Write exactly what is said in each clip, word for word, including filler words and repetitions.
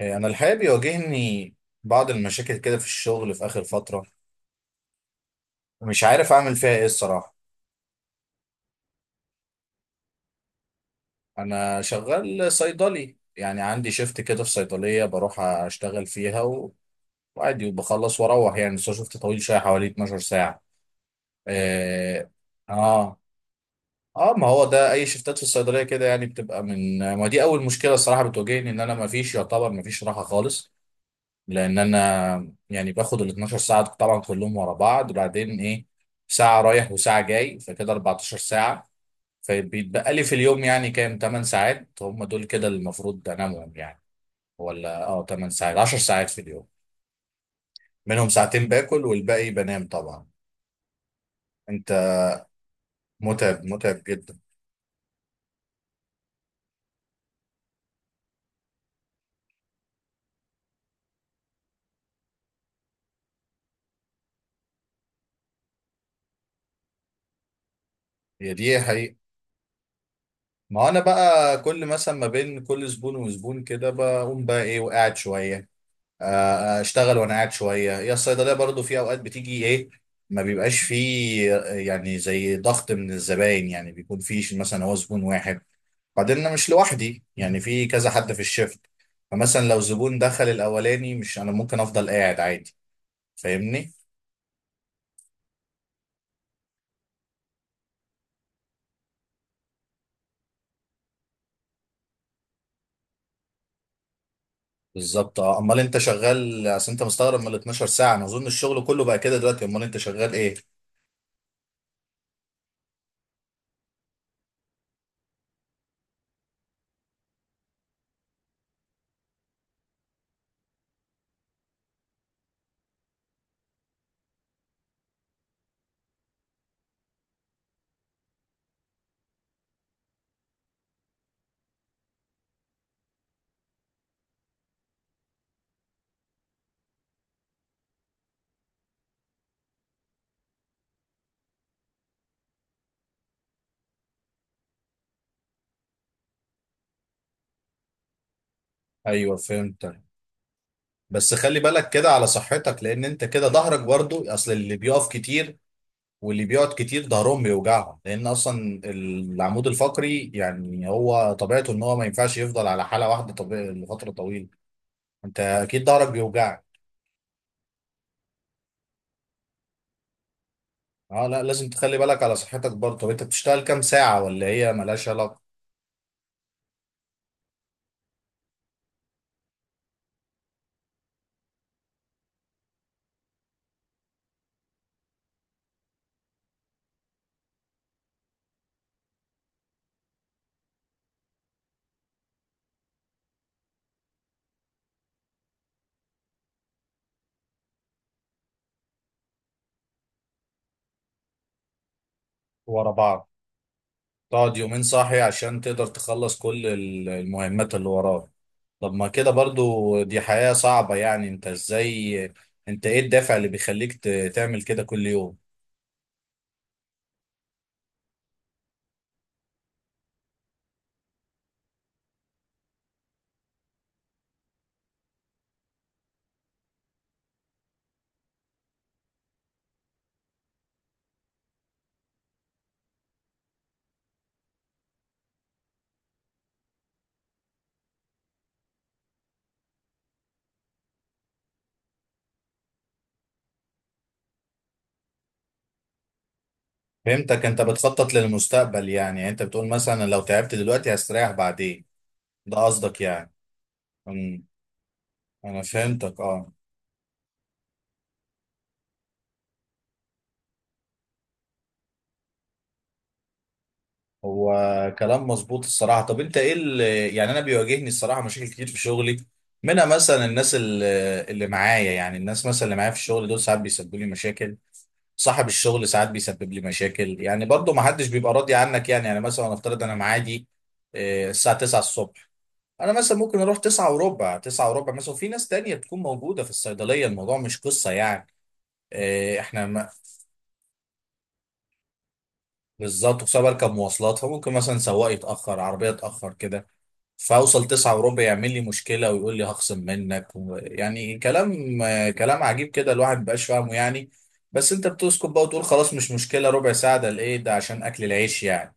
إيه، انا الحقيقه بيواجهني بعض المشاكل كده في الشغل في اخر فتره. مش عارف اعمل فيها ايه الصراحه. انا شغال صيدلي، يعني عندي شيفت كده في صيدليه بروح اشتغل فيها و- وعادي وبخلص واروح يعني. بس هو شيفت طويل شويه، حوالي اتناشر ساعه. اه. اه. آه، ما هو ده اي شيفتات في الصيدليه كده، يعني بتبقى من. ما دي اول مشكله الصراحه بتواجهني، ان انا ما فيش يعتبر ما فيش راحه خالص. لان انا يعني باخد ال اتناشر ساعه طبعا كلهم ورا بعض، وبعدين ايه ساعه رايح وساعه جاي، فكده اربعتاشر ساعه. فبيتبقى لي في اليوم يعني كام، تمن ساعات هم دول كده اللي المفروض انامهم يعني، ولا اه تمن ساعات عشر ساعات في اليوم، منهم ساعتين باكل والباقي بنام طبعا. انت متعب، متعب جدا. هي دي حقيقة. ما انا بقى كل مثلا ما بين كل زبون وزبون كده بقوم بقى ايه وقاعد شوية. آه، اشتغل وانا قاعد شويه. هي الصيدليه برضو في اوقات بتيجي ايه، ما بيبقاش فيه آه، يعني زي ضغط من الزباين، يعني بيكون فيش مثلا هو زبون واحد. بعدين انا مش لوحدي، يعني في كذا حد في الشفت، فمثلا لو زبون دخل الاولاني مش انا ممكن افضل قاعد عادي. فاهمني. بالظبط. اه امال انت شغال، اصل انت مستغرب من ال اتناشر ساعه؟ انا اظن الشغل كله بقى كده دلوقتي، امال انت شغال ايه؟ ايوه فهمت. بس خلي بالك كده على صحتك، لان انت كده ظهرك برضو. اصل اللي بيقف كتير واللي بيقعد كتير ظهرهم بيوجعهم، لان اصلا العمود الفقري يعني هو طبيعته ان هو ما ينفعش يفضل على حاله واحده طبيعي لفتره طويله. انت اكيد ظهرك بيوجعك. اه لا لازم تخلي بالك على صحتك برضه. طب انت بتشتغل كام ساعه، ولا هي ملهاش علاقه؟ ورا بعض. تقعد يومين صاحي عشان تقدر تخلص كل ال- المهمات اللي وراك. طب ما كده برضه دي حياه صعبه. يعني انت ازاي؟ انت ايه الدافع اللي بيخليك ت- تعمل كده كل يوم؟ فهمتك. انت بتخطط للمستقبل، يعني يعني انت بتقول مثلا لو تعبت دلوقتي هستريح بعدين، ده قصدك يعني؟ امم. انا فهمتك اه. هو كلام مظبوط الصراحه. طب انت ايه اللي، يعني انا بيواجهني الصراحه مشاكل كتير في شغلي، منها مثلا الناس اللي، اللي معايا، يعني الناس مثلا اللي معايا في الشغل دول ساعات بيسببوا لي مشاكل. صاحب الشغل ساعات بيسبب لي مشاكل، يعني برضه ما حدش بيبقى راضي عنك. يعني يعني مثلا افترض انا معادي اه، الساعه تسعة الصبح، انا مثلا ممكن اروح تسعة وربع، تسعة وربع مثلا، وفي ناس تانية بتكون موجودة في الصيدلية، الموضوع مش قصة يعني. إيه احنا ما. بالظبط. وخصوصا بركب مواصلات، فممكن مثلا سواق يتأخر، عربية تأخر كده، فاوصل تسعة وربع يعمل لي مشكلة ويقول لي هخصم منك و- يعني كلام آه، كلام عجيب كده، الواحد مبقاش فاهمه يعني. بس انت بتسكت بقى وتقول خلاص مش مشكلة، ربع ساعة ده لإيه؟ ده عشان أكل العيش يعني.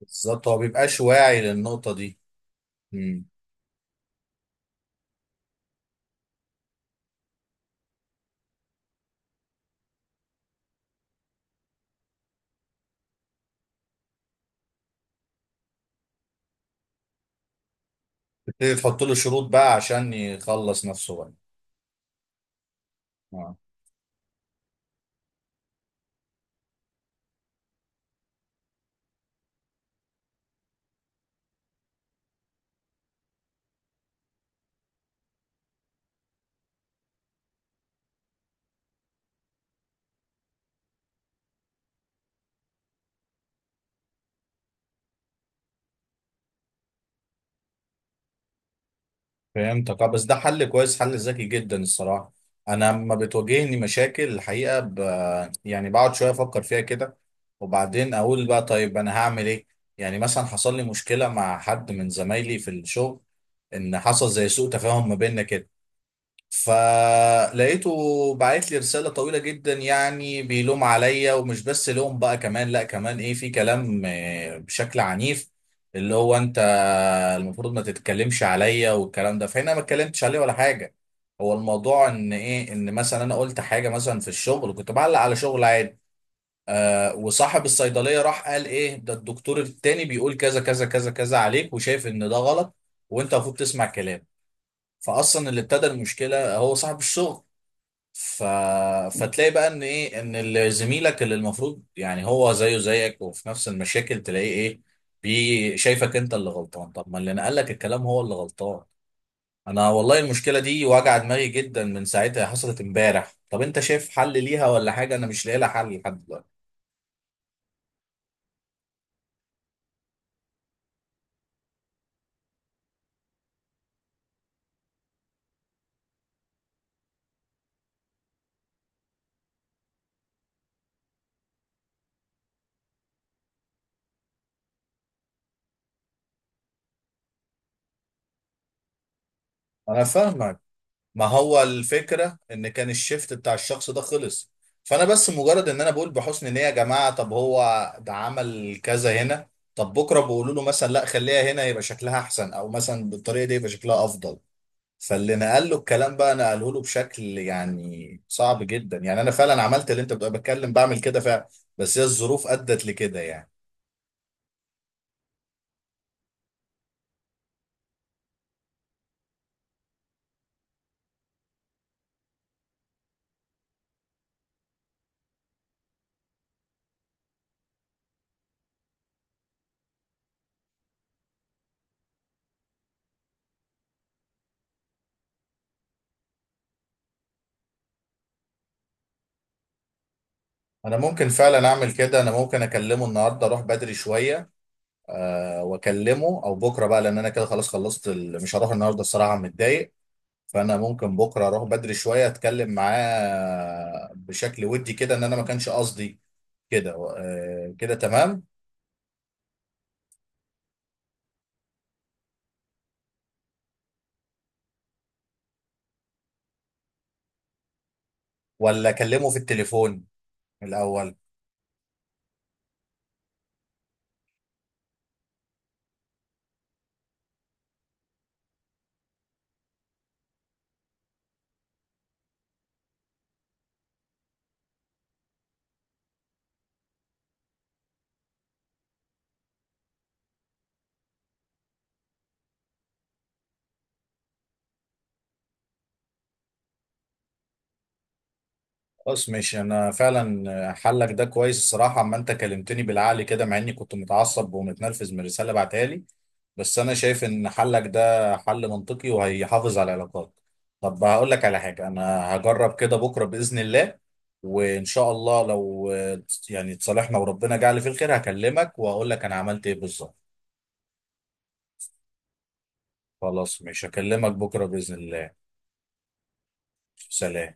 بالظبط. هو مبيبقاش واعي للنقطة دي. مم. تبتدي تحط له شروط بقى عشان يخلص نفسه بقى. آه. فهمتك اه. بس ده حل كويس، حل ذكي جدا الصراحة. انا لما بتواجهني مشاكل الحقيقة ب... يعني بقعد شوية افكر فيها كده، وبعدين اقول بقى طيب انا هعمل ايه. يعني مثلا حصل لي مشكلة مع حد من زمايلي في الشغل، ان حصل زي سوء تفاهم ما بيننا كده، فلقيته بعت لي رسالة طويلة جدا، يعني بيلوم عليا، ومش بس لوم بقى كمان، لا كمان ايه في كلام آه، بشكل عنيف. اللي هو انت المفروض ما تتكلمش عليا والكلام ده، فهنا ما اتكلمتش عليه ولا حاجه. هو الموضوع ان ايه، ان مثلا انا قلت حاجه مثلا في الشغل، كنت بعلق على شغل عادي، آه، وصاحب الصيدليه راح قال ايه ده الدكتور التاني بيقول كذا كذا كذا كذا عليك، وشايف ان ده غلط وانت المفروض تسمع كلام. فاصلا اللي ابتدى المشكله هو صاحب الشغل. ف... فتلاقي بقى ان ايه، ان ال- زميلك اللي المفروض يعني هو زيه زيك وفي نفس المشاكل، تلاقيه ايه، بي شايفك انت اللي غلطان. طب ما اللي نقلك الكلام هو اللي غلطان. انا والله المشكله دي واجعه دماغي جدا، من ساعتها حصلت امبارح. طب انت شايف حل ليها ولا حاجه؟ انا مش لاقي لها حل لحد دلوقتي. انا فاهمك. ما هو الفكرة ان كان الشيفت بتاع الشخص ده خلص، فانا بس مجرد ان انا بقول بحسن نية يا جماعة، طب هو ده عمل كذا هنا، طب بكرة بيقولوا له مثلا لا خليها هنا يبقى شكلها احسن، او مثلا بالطريقة دي يبقى شكلها افضل. فاللي نقل له الكلام بقى نقله له بشكل يعني صعب جدا. يعني انا فعلا عملت اللي انت بتبقى بتكلم، بعمل كده فعلا، بس هي الظروف ادت لكده يعني. انا ممكن فعلا اعمل كده، انا ممكن اكلمه النهارده، اروح بدري شوية آه، واكلمه، او بكره بقى، لان انا كده خلاص خلصت ال... مش هروح النهارده الصراحه متضايق. فانا ممكن بكره اروح بدري شويه اتكلم معاه بشكل ودي كده، ان انا ما كانش قصدي كده. آه، كده تمام. ولا اكلمه في التليفون الاول؟ خلاص ماشي. انا فعلا حلك ده كويس الصراحه، اما انت كلمتني بالعقل كده، مع اني كنت متعصب ومتنرفز من الرساله بعتها لي، بس انا شايف ان حلك ده حل منطقي وهيحافظ على العلاقات. طب هقول لك على حاجه، انا هجرب كده بكره باذن الله، وان شاء الله لو آه، يعني اتصالحنا وربنا جعل في الخير، هكلمك واقول لك انا عملت ايه بالظبط. خلاص مش هكلمك بكره باذن الله. سلام